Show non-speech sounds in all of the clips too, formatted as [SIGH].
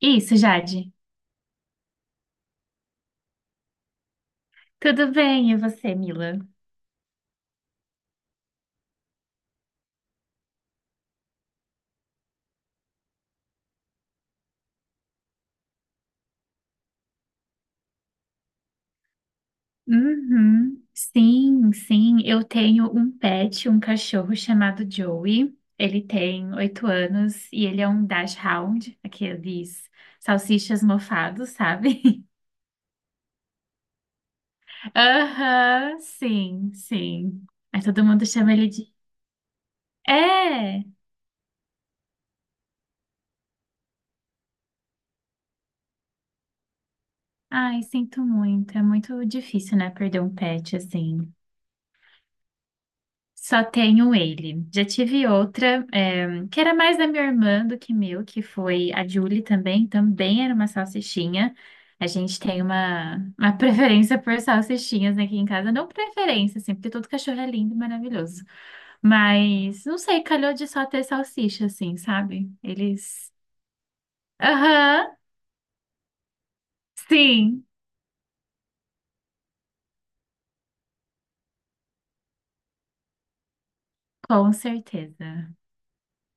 Isso, Jade. Tudo bem, e você, Mila? Uhum. Sim, sim. Eu tenho um pet, um cachorro chamado Joey. Ele tem 8 anos e ele é um dashhound, aqueles salsichas mofados, sabe? [LAUGHS] Aham, sim, sim. Aí todo mundo chama ele de. É! Ai, sinto muito. É muito difícil, né, perder um pet assim. Só tenho ele. Já tive outra, que era mais da minha irmã do que meu, que foi a Julie também. Também era uma salsichinha. A gente tem uma [LAUGHS] preferência por salsichinhas aqui em casa. Não preferência, assim, porque todo cachorro é lindo e maravilhoso. Mas, não sei, calhou de só ter salsicha, assim, sabe? Eles. Aham, sim, com certeza.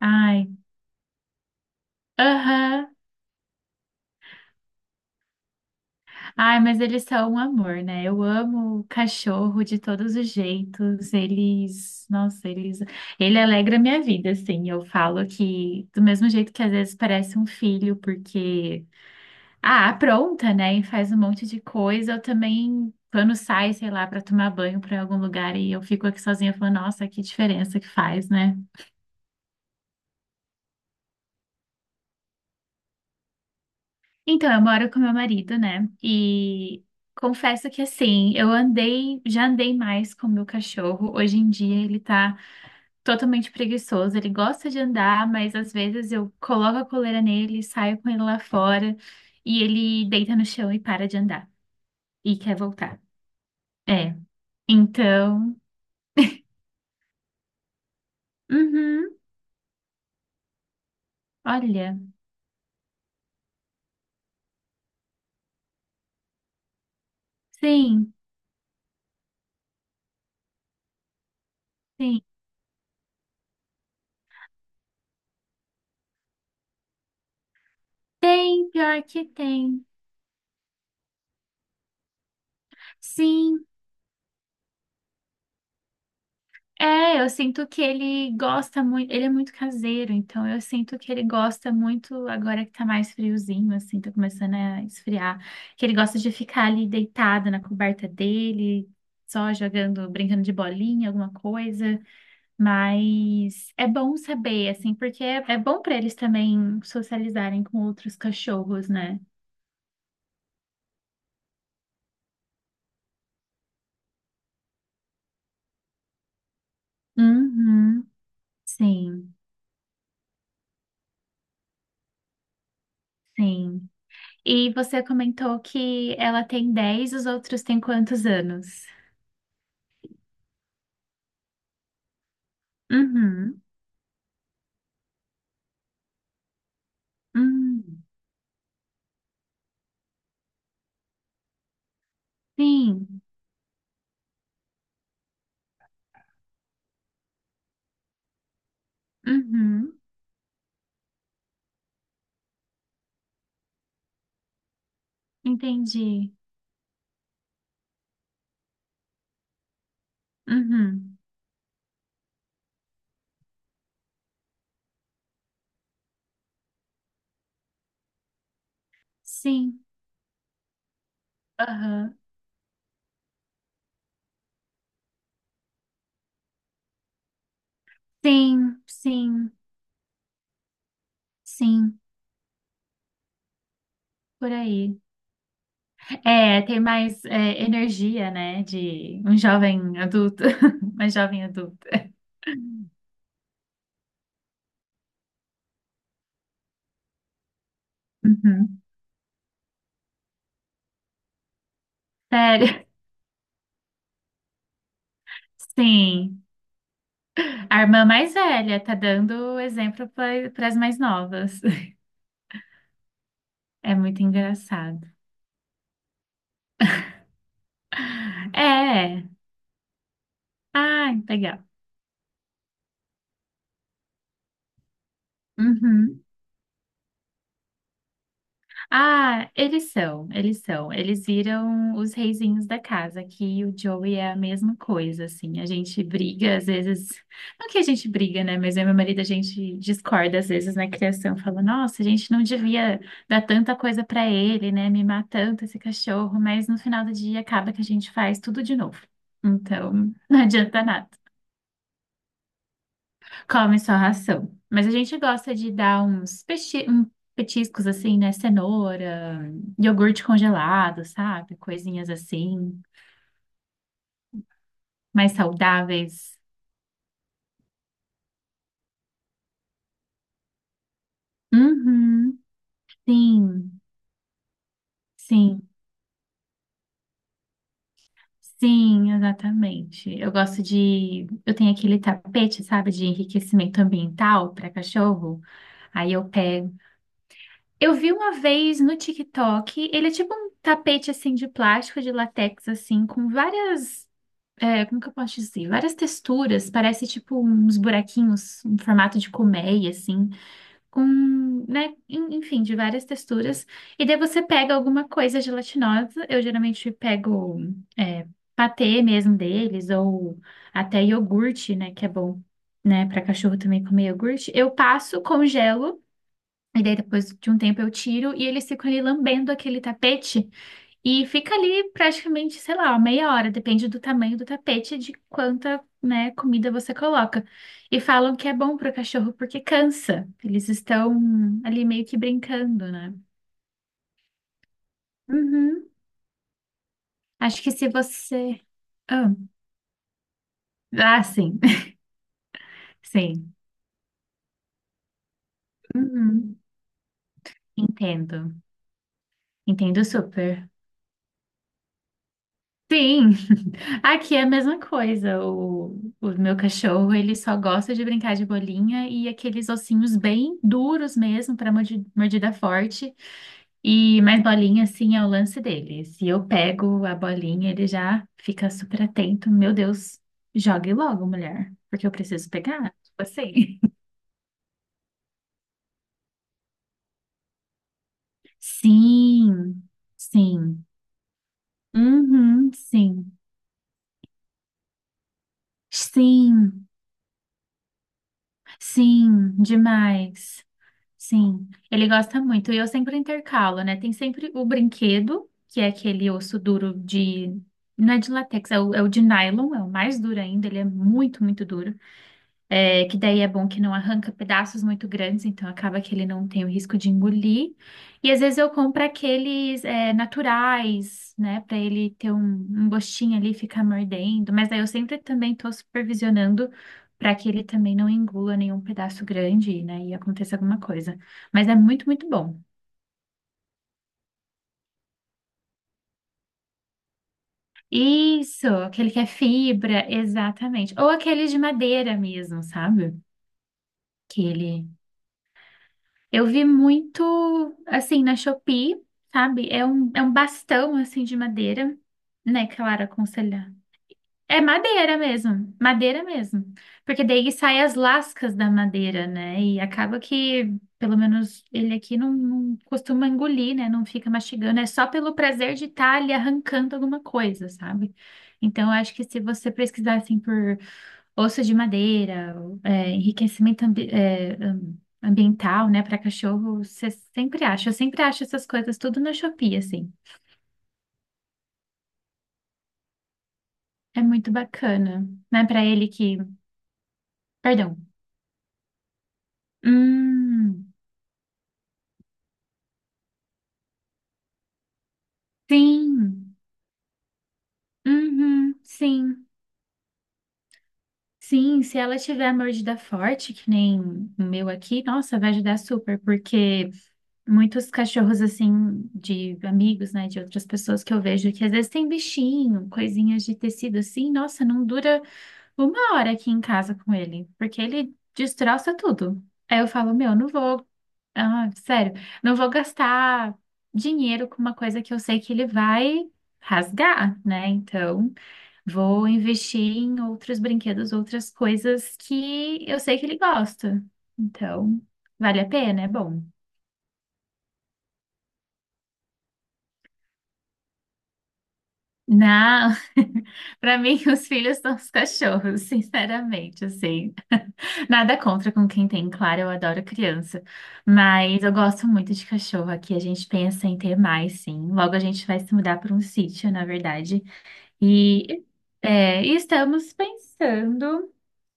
Ai, aham. Ai, mas eles são um amor, né? Eu amo o cachorro de todos os jeitos. Eles, nossa, eles, ele alegra a minha vida, assim. Eu falo que do mesmo jeito que às vezes parece um filho, porque ah, apronta, né? E faz um monte de coisa. Eu também, quando sai, sei lá, para tomar banho para algum lugar e eu fico aqui sozinha, eu falo, nossa, que diferença que faz, né? Então, eu moro com meu marido, né? E confesso que assim, já andei mais com meu cachorro. Hoje em dia ele tá totalmente preguiçoso. Ele gosta de andar, mas às vezes eu coloco a coleira nele, saio com ele lá fora e ele deita no chão e para de andar e quer voltar. É. Então, uhum, olha, sim, sim. Tem, pior que tem. Sim. É, eu sinto que ele gosta muito, ele é muito caseiro, então eu sinto que ele gosta muito, agora que tá mais friozinho, assim, tá começando a esfriar, que ele gosta de ficar ali deitado na coberta dele, só jogando, brincando de bolinha, alguma coisa, mas é bom saber, assim, porque é, é bom pra eles também socializarem com outros cachorros, né? Uhum, sim, sim. E você comentou que ela tem 10. Os outros têm quantos anos? Uhum. Hum. Sim. Uhum. Entendi. Uhum. Sim. Aham. Sim, sim, sim. Por aí. É, tem mais é, energia, né? De um jovem adulto. [LAUGHS] Uma jovem adulta. Uhum. Sério. [LAUGHS] Sim. A irmã mais velha tá dando exemplo para as mais novas. [LAUGHS] É muito engraçado. É. Ai, legal. Uhum. Ah, eles são. Eles viram os reizinhos da casa, que o Joey é a mesma coisa, assim. A gente briga, às vezes. Não que a gente briga, né? Mas eu e meu marido, a gente discorda, às vezes, na criação. Fala, nossa, a gente não devia dar tanta coisa pra ele, né? Mimar tanto esse cachorro. Mas no final do dia, acaba que a gente faz tudo de novo. Então, [LAUGHS] não adianta. Come só ração. Mas a gente gosta de dar uns petiscos assim, né? Cenoura, iogurte congelado, sabe? Coisinhas assim, mais saudáveis. Uhum. Sim, sim, sim, exatamente. Eu gosto de. Eu tenho aquele tapete, sabe, de enriquecimento ambiental para cachorro. Aí eu pego. Eu vi uma vez no TikTok, ele é tipo um tapete assim de plástico, de látex, assim, com várias como que eu posso dizer? Várias texturas, parece tipo uns buraquinhos em formato de colmeia, assim, com, né, enfim, de várias texturas. E daí você pega alguma coisa gelatinosa, eu geralmente pego é, patê mesmo deles, ou até iogurte, né, que é bom, né, para cachorro também comer iogurte. Eu passo, congelo, e daí depois de um tempo eu tiro, e eles ficam ali lambendo aquele tapete. E fica ali praticamente, sei lá, uma meia hora, depende do tamanho do tapete, e de quanta, né, comida você coloca. E falam que é bom para o cachorro porque cansa. Eles estão ali meio que brincando, né? Uhum. Acho que se você. Ah, ah, sim, [LAUGHS] sim. Uhum. Entendo. Entendo super. Sim, [LAUGHS] aqui é a mesma coisa. O meu cachorro, ele só gosta de brincar de bolinha e aqueles ossinhos bem duros mesmo para mordida forte. E mais bolinha, assim, é o lance dele. Se eu pego a bolinha, ele já fica super atento. Meu Deus, jogue logo, mulher, porque eu preciso pegar. Tipo assim. [LAUGHS] Sim, sim. Uhum, sim. Sim, sim, demais. Sim, ele gosta muito. E eu sempre intercalo, né? Tem sempre o brinquedo, que é aquele osso duro de. Não é de látex, é o de nylon, é o mais duro ainda, ele é muito, muito duro. É, que daí é bom que não arranca pedaços muito grandes, então acaba que ele não tem o risco de engolir. E às vezes eu compro aqueles naturais, né, para ele ter um gostinho ali, ficar mordendo. Mas daí eu sempre também estou supervisionando para que ele também não engula nenhum pedaço grande, né, e aconteça alguma coisa. Mas é muito, muito bom. Isso, aquele que é fibra, exatamente. Ou aquele de madeira mesmo, sabe? Que ele Eu vi muito, assim, na Shopee, sabe? É um bastão, assim, de madeira, né, Clara, aconselhar. É madeira mesmo, madeira mesmo. Porque daí saem as lascas da madeira, né? E acaba que, pelo menos ele aqui não costuma engolir, né? Não fica mastigando. É só pelo prazer de estar ali arrancando alguma coisa, sabe? Então, eu acho que se você pesquisar, assim, por osso de madeira, é, enriquecimento ambiental, né, para cachorro, você sempre acha. Eu sempre acho essas coisas tudo na Shopee, assim. É muito bacana, né, para ele que. Perdão. Hum, sim. Uhum, sim. Sim, se ela tiver mordida forte, que nem o meu aqui, nossa, vai ajudar super, porque muitos cachorros, assim, de amigos, né, de outras pessoas que eu vejo, que às vezes tem bichinho, coisinhas de tecido assim, nossa, não dura uma hora aqui em casa com ele, porque ele destroça tudo. Aí eu falo, meu, não vou, ah, sério, não vou gastar dinheiro com uma coisa que eu sei que ele vai rasgar, né? Então, vou investir em outros brinquedos, outras coisas que eu sei que ele gosta. Então, vale a pena, é bom. Não, [LAUGHS] para mim os filhos são os cachorros, sinceramente, assim. [LAUGHS] Nada contra com quem tem, claro, eu adoro criança, mas eu gosto muito de cachorro aqui, a gente pensa em ter mais, sim. Logo a gente vai se mudar para um sítio, na verdade, e, e estamos pensando.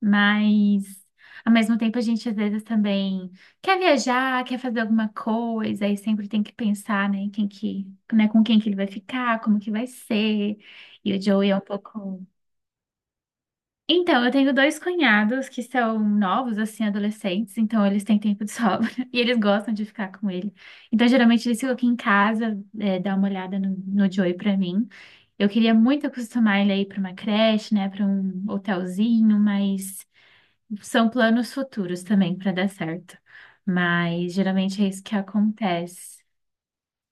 Mas, ao mesmo tempo, a gente às vezes também quer viajar, quer fazer alguma coisa, e sempre tem que pensar, né, em quem que, né, com quem que ele vai ficar, como que vai ser. E o Joey é um pouco. Então, eu tenho dois cunhados que são novos, assim, adolescentes, então eles têm tempo de sobra [LAUGHS] e eles gostam de ficar com ele. Então, geralmente, eles ficam aqui em casa, dar uma olhada no Joey pra mim. Eu queria muito acostumar ele aí pra uma creche, né, pra um hotelzinho, mas. São planos futuros também para dar certo, mas geralmente é isso que acontece.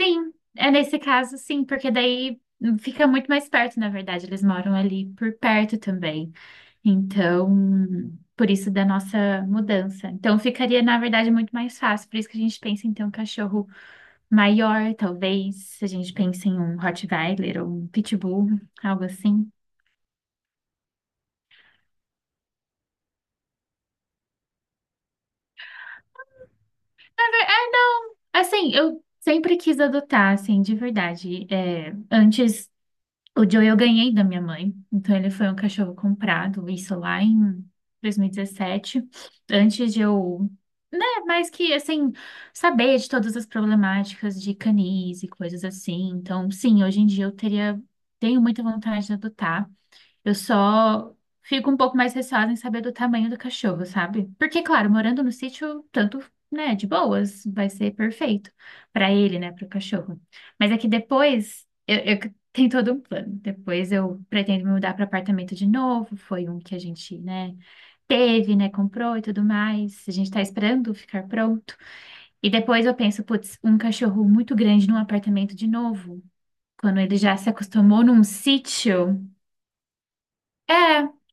Sim, é nesse caso sim, porque daí fica muito mais perto, na verdade, eles moram ali por perto também. Então, por isso da nossa mudança. Então, ficaria, na verdade, muito mais fácil. Por isso que a gente pensa em ter um cachorro maior, talvez. A gente pensa em um Rottweiler ou um Pitbull, algo assim. Assim, eu sempre quis adotar, assim, de verdade. É, antes O Joe eu ganhei da minha mãe, então ele foi um cachorro comprado, isso lá em 2017, antes de eu, né, mais que assim, saber de todas as problemáticas de canis e coisas assim. Então, sim, hoje em dia tenho muita vontade de adotar. Eu só fico um pouco mais receosa em saber do tamanho do cachorro, sabe? Porque, claro, morando no sítio, tanto, né, de boas, vai ser perfeito para ele, né, para o cachorro. Mas é que depois, eu [LAUGHS] tenho todo um plano. Depois eu pretendo me mudar para apartamento de novo. Foi um que a gente, né, teve, né, comprou e tudo mais. A gente tá esperando ficar pronto. E depois eu penso, putz, um cachorro muito grande num apartamento de novo. Quando ele já se acostumou num sítio. É,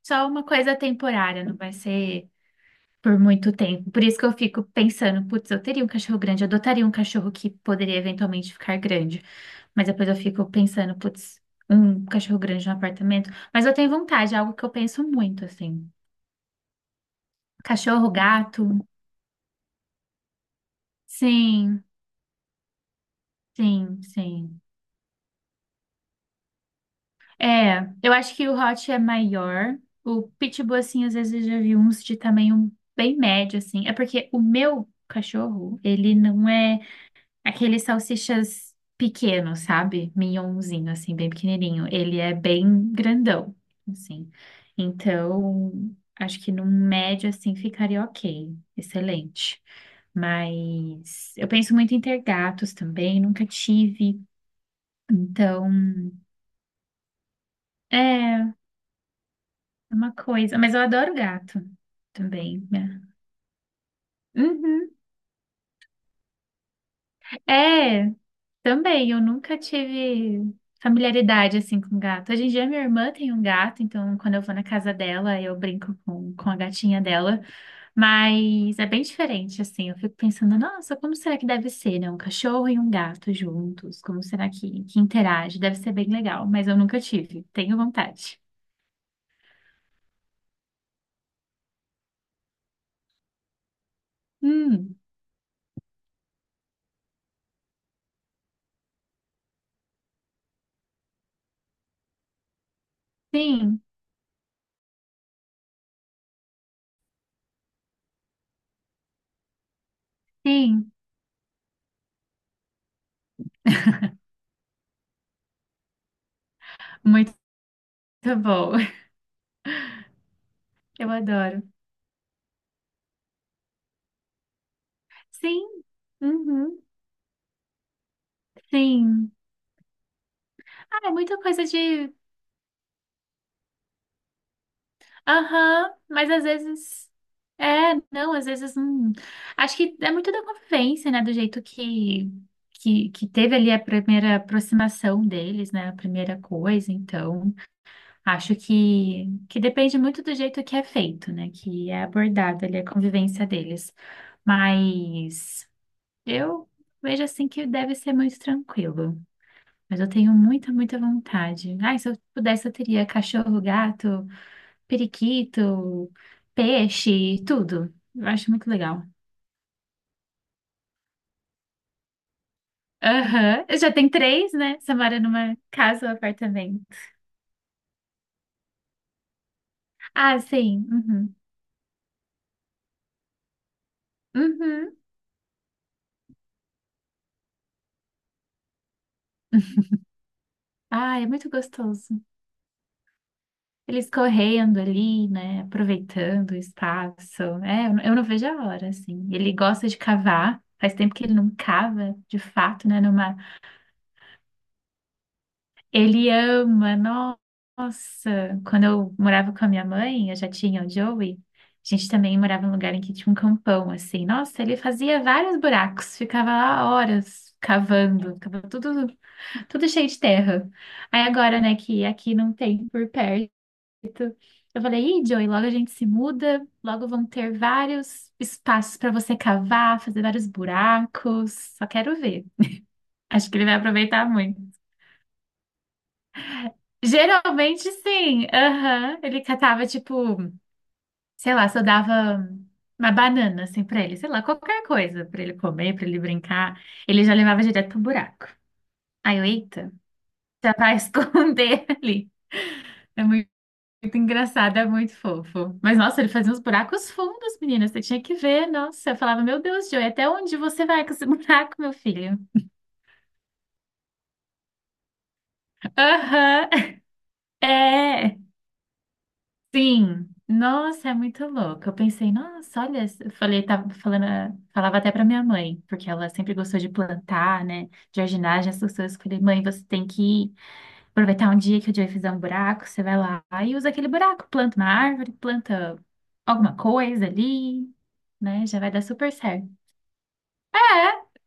só uma coisa temporária, não vai ser por muito tempo. Por isso que eu fico pensando, putz, eu teria um cachorro grande, eu adotaria um cachorro que poderia eventualmente ficar grande. Mas depois eu fico pensando, putz, um cachorro grande no apartamento. Mas eu tenho vontade, é algo que eu penso muito, assim. Cachorro, gato. Sim, sim, sim. É, eu acho que o Hot é maior. O Pitbull, assim, às vezes eu já vi uns de tamanho bem médio, assim. É porque o meu cachorro, ele não é. Aqueles salsichas pequenos, sabe? Mignonzinho, assim, bem pequenininho. Ele é bem grandão, assim. Então, acho que no médio, assim, ficaria ok. Excelente. Mas eu penso muito em ter gatos também, nunca tive. Então, é é uma coisa. Mas eu adoro gato também, né? Uhum. É. Também, eu nunca tive familiaridade assim com gato. Hoje em dia minha irmã tem um gato, então quando eu vou na casa dela, eu brinco com a gatinha dela, mas é bem diferente assim. Eu fico pensando, nossa, como será que deve ser, né? Um cachorro e um gato juntos, como será que interage? Deve ser bem legal, mas eu nunca tive. Tenho vontade. Hum, sim, sim, muito bom. [LAUGHS] Eu adoro. Sim, uhum, sim. Ah, é muita coisa de. Aham, mas às vezes. É, não, às vezes. Acho que é muito da convivência, né? Do jeito que teve ali a primeira aproximação deles, né? A primeira coisa. Então, acho que depende muito do jeito que é feito, né? Que é abordado ali a convivência deles. Mas eu vejo assim que deve ser muito tranquilo. Mas eu tenho muita, muita vontade. Ai, se eu pudesse, eu teria cachorro, gato, periquito, peixe, tudo. Eu acho muito legal. Aham, eu já tem três, né? Você mora numa casa ou apartamento. Ah, sim. Uhum. Uhum. Ah, é muito gostoso. Eles correndo ali, né? Aproveitando o espaço. É, eu não vejo a hora, assim. Ele gosta de cavar. Faz tempo que ele não cava, de fato, né? Ele ama, nossa. Quando eu morava com a minha mãe, eu já tinha o Joey. A gente também morava num lugar em que tinha um campão, assim. Nossa, ele fazia vários buracos, ficava lá horas cavando, ficava tudo cheio de terra. Aí agora, né, que aqui não tem por perto, eu falei, ih, Joey, logo a gente se muda, logo vão ter vários espaços para você cavar, fazer vários buracos. Só quero ver. Acho que ele vai aproveitar muito. Geralmente sim, aham. Ele catava, tipo, sei lá, só dava uma banana, assim, pra ele, sei lá, qualquer coisa pra ele comer, pra ele brincar. Ele já levava direto pro buraco. Aí eu, eita, já vai [LAUGHS] esconder ali. É muito engraçado, é muito fofo. Mas, nossa, ele fazia uns buracos fundos, menina, você tinha que ver, nossa. Eu falava, meu Deus, Joey, até onde você vai com esse [LAUGHS] buraco, meu filho? Aham, [LAUGHS] é. Sim, nossa, é muito louco. Eu pensei, nossa, olha, eu falei, tava falando, falava até para minha mãe, porque ela sempre gostou de plantar, né, de jardinagem, essas coisas. Eu falei, mãe, você tem que aproveitar um dia que o Joey fizer um buraco, você vai lá e usa aquele buraco, planta uma árvore, planta alguma coisa ali, né, já vai dar super certo. É,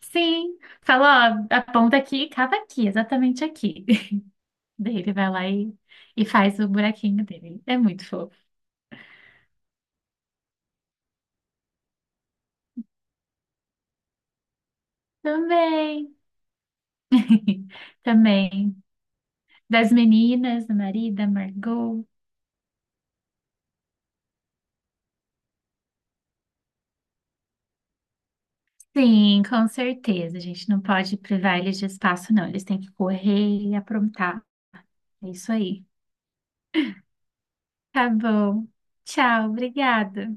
sim, fala, ó, aponta aqui, cava aqui, exatamente aqui. [LAUGHS] Daí ele vai lá e faz o buraquinho dele. É muito fofo. Também. [LAUGHS] Também. Das meninas, do marido, da Margot. Sim, com certeza. A gente não pode privar eles de espaço, não. Eles têm que correr e aprontar. É isso aí. Tá bom. Tchau, obrigada.